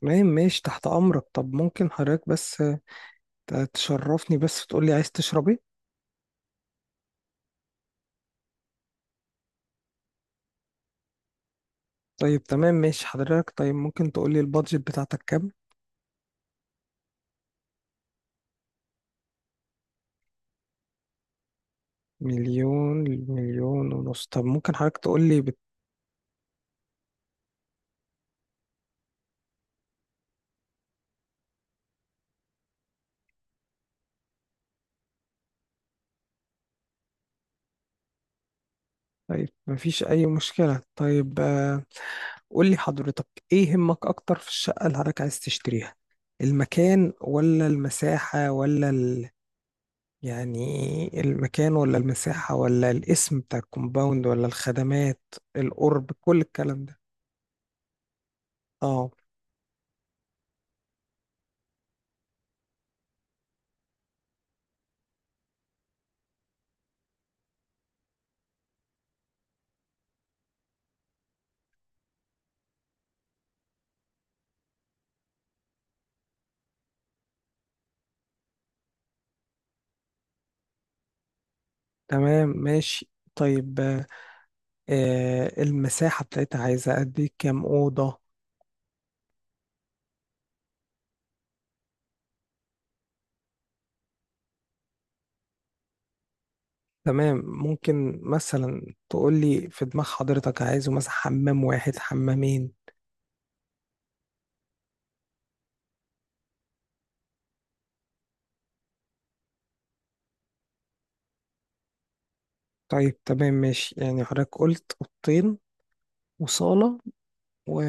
تمام، ماشي، تحت أمرك. طب ممكن حضرتك بس تشرفني، بس وتقولي عايز تشرب ايه؟ طيب، تمام، ماشي حضرتك. طيب ممكن تقولي البادجت بتاعتك كام؟ مليون مليون ونص. طب ممكن حضرتك تقولي طيب، مفيش أي مشكلة. طيب قولي حضرتك، ايه يهمك أكتر في الشقة اللي حضرتك عايز تشتريها؟ المكان ولا المساحة ولا يعني المكان ولا المساحة ولا الاسم بتاع الكومباوند ولا الخدمات، القرب، كل الكلام ده. اه، تمام ماشي. طيب المساحة بتاعتها عايزة قد ايه؟ كام أوضة؟ تمام. ممكن مثلا تقولي في دماغ حضرتك عايزه مثلا حمام واحد، حمامين؟ طيب، تمام، ماشي، يعني حضرتك قلت أوضتين وصالة و...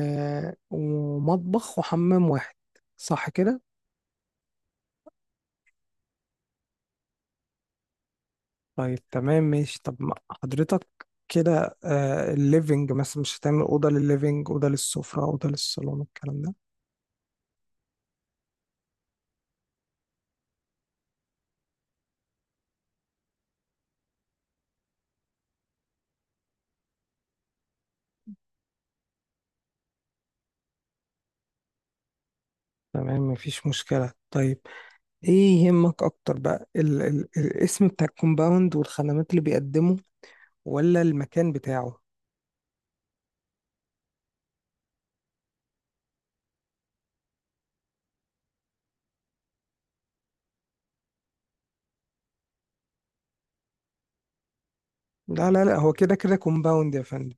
ومطبخ وحمام واحد، صح كده؟ طيب تمام ماشي. طب ما حضرتك كده الليفينج مثلا، مش هتعمل أوضة للليفينج، أوضة للسفرة، أوضة للصالون، الكلام ده؟ تمام، مفيش مشكلة. طيب ايه يهمك اكتر بقى، ال الاسم بتاع الكومباوند والخدمات اللي بيقدمه، ولا المكان بتاعه؟ لا لا لا، هو كده كده كومباوند يا فندم.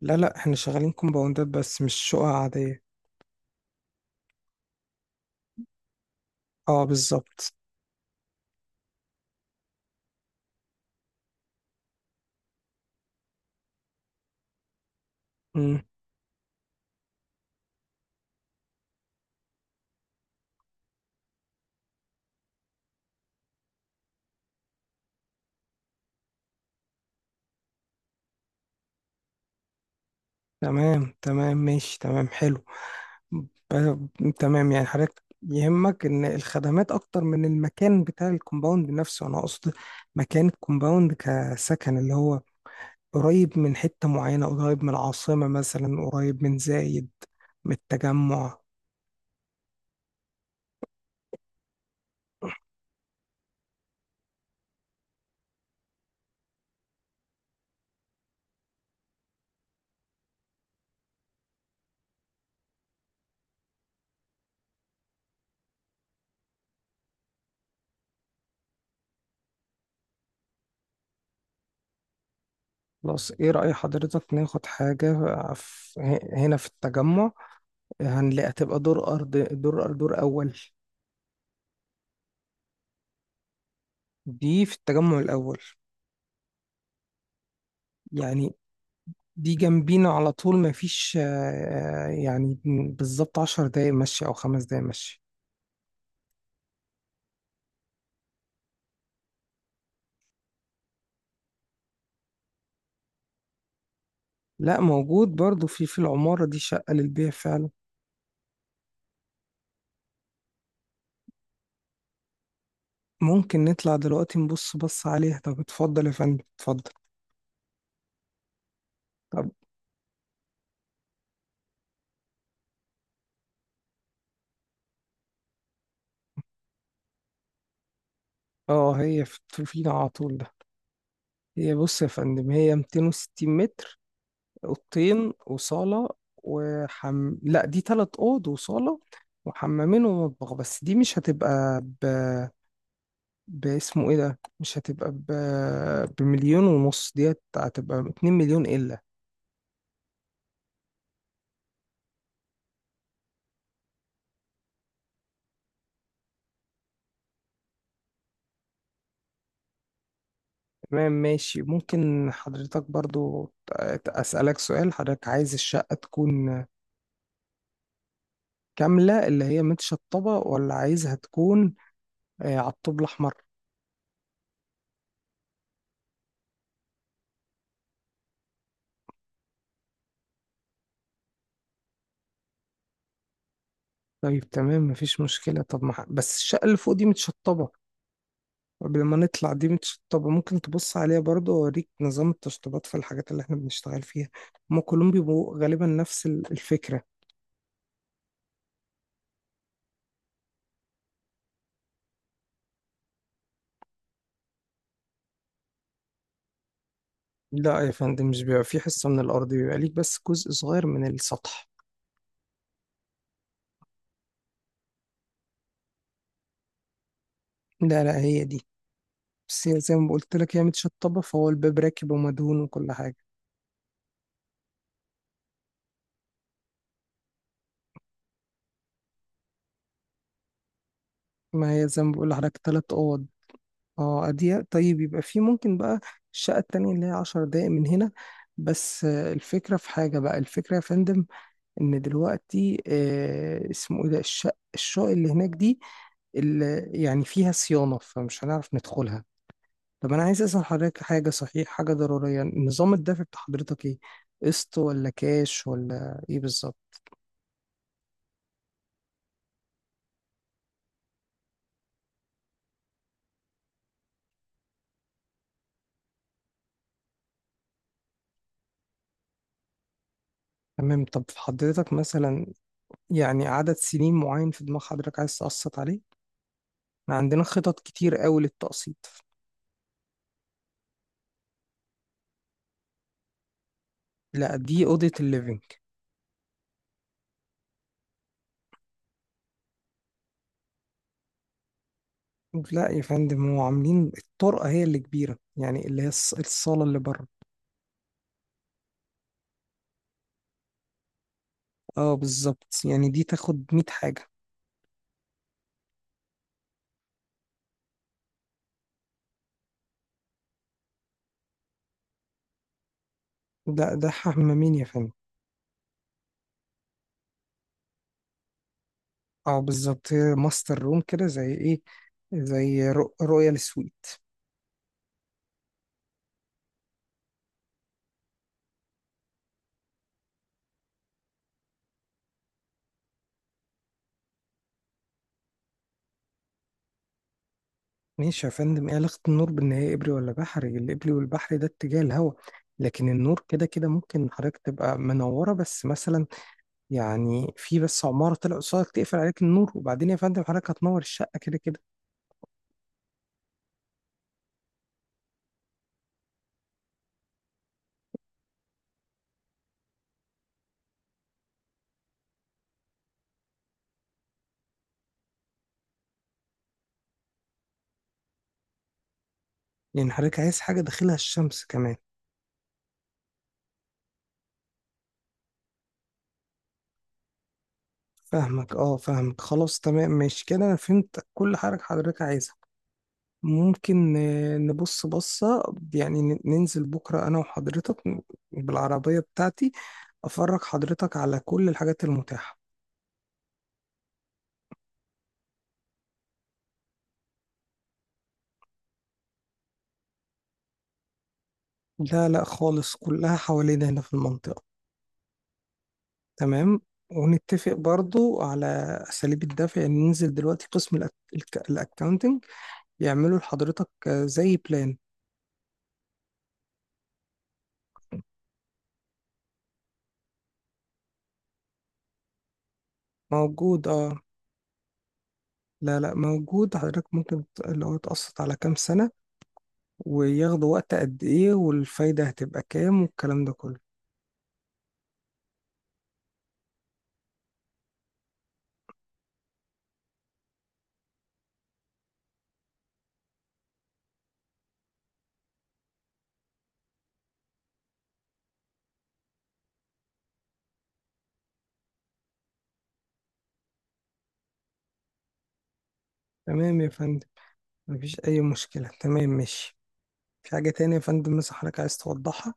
لا لا، احنا شغالين كومباوندات بس، مش شقق عادية. اه، بالظبط. مم. تمام تمام ماشي، تمام، حلو. تمام. يعني حضرتك يهمك ان الخدمات اكتر من المكان بتاع الكومباوند نفسه، انا اقصد مكان الكومباوند كسكن، اللي هو قريب من حتة معينة، قريب من العاصمة مثلا، قريب من زايد، من التجمع. خلاص، ايه رأي حضرتك ناخد حاجة في هنا في التجمع؟ هنلاقي، هتبقى دور أرض، دور أول. دي في التجمع الأول. يعني دي جنبينا على طول، مفيش يعني بالظبط 10 دقايق مشي أو 5 دقايق مشي. لا، موجود برضو في العمارة دي شقة للبيع فعلا. ممكن نطلع دلوقتي بص عليها. طب اتفضل يا فندم، اتفضل. طب اه، هي في الفيل على طول ده. بص يا فندم، هي 260 متر. اوضتين وصالة لا، دي تلات اوض وصالة وحمامين ومطبخ. بس دي مش هتبقى باسمه ايه ده، مش هتبقى بمليون ونص، دي هتبقى 2 مليون الا. تمام، ماشي. ممكن حضرتك برضو اسألك سؤال؟ حضرتك عايز الشقة تكون كاملة، اللي هي متشطبة، ولا عايزها تكون على الطوب الأحمر؟ طيب، تمام، مفيش مشكلة. طب ما بس الشقة اللي فوق دي متشطبة، قبل ما نطلع، دي متشطبة، ممكن تبص عليها برضه، وأوريك نظام التشطيبات في الحاجات اللي احنا بنشتغل فيها. هما كلهم بيبقوا غالبا نفس الفكرة. لا يا فندم، مش بيبقى في حصة من الأرض، بيبقى ليك بس جزء صغير من السطح. لا لا، هي دي. بس هي زي ما قلت لك هي متشطبة، فهو الباب راكب ومدهون وكل حاجة. ما هي زي ما بقول لحضرتك، تلات أوض. اه، أضيق. طيب يبقى في ممكن بقى، الشقة التانية اللي هي 10 دقايق من هنا، بس الفكرة، في حاجة بقى، الفكرة يا فندم، إن دلوقتي اسمه إيه ده، الشقق اللي هناك دي، اللي يعني فيها صيانة، فمش هنعرف ندخلها. طب أنا عايز أسأل حضرتك حاجة، صحيح، حاجة ضرورية. نظام الدفع بتاع حضرتك إيه؟ قسط ولا كاش ولا إيه بالظبط؟ تمام. طب حضرتك مثلا، يعني، عدد سنين معين في دماغ حضرتك عايز تقسط عليه؟ إحنا عندنا خطط كتير قوي للتقسيط. لا، دي اوضه الليفينج. لا يا فندم، هو عاملين الطرقه هي اللي كبيره، يعني اللي هي الصاله اللي بره. اه بالظبط، يعني دي تاخد 100 حاجه. ده حمامين يا فندم. اه بالظبط، هي ماستر روم كده، زي ايه، زي رويال سويت. ماشي يا فندم، ايه علاقه النور بان هي ابري ولا بحري؟ الابري والبحري ده اتجاه الهواء، لكن النور كده كده. ممكن حضرتك تبقى منوره بس، مثلا يعني في بس عماره طلع قصادك تقفل عليك النور، وبعدين يا فندم، حضرتك هتنور الشقه كده كده. لأن حضرتك عايز حاجة داخلها الشمس كمان. فاهمك، اه، فاهمك، خلاص، تمام، ماشي كده، أنا فهمت كل حاجة حضرتك عايزها. ممكن نبص بصة، يعني ننزل بكرة أنا وحضرتك بالعربية بتاعتي، أفرج حضرتك على كل الحاجات المتاحة. لا لا خالص، كلها حوالينا هنا في المنطقة. تمام، ونتفق برضو على أساليب الدفع، يعني ننزل دلوقتي قسم الأكاونتنج يعملوا لحضرتك زي بلان. موجود، اه. لا لا، موجود حضرتك، ممكن اللي هو تقسط على كام سنة، وياخدوا وقت قد ايه، والفايدة هتبقى كام، والكلام ده كله. تمام يا فندم، مفيش أي مشكلة، تمام ماشي. في حاجة تانية يا فندم مثلا حضرتك عايز توضحها؟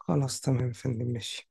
خلاص تمام يا فندم، ماشي.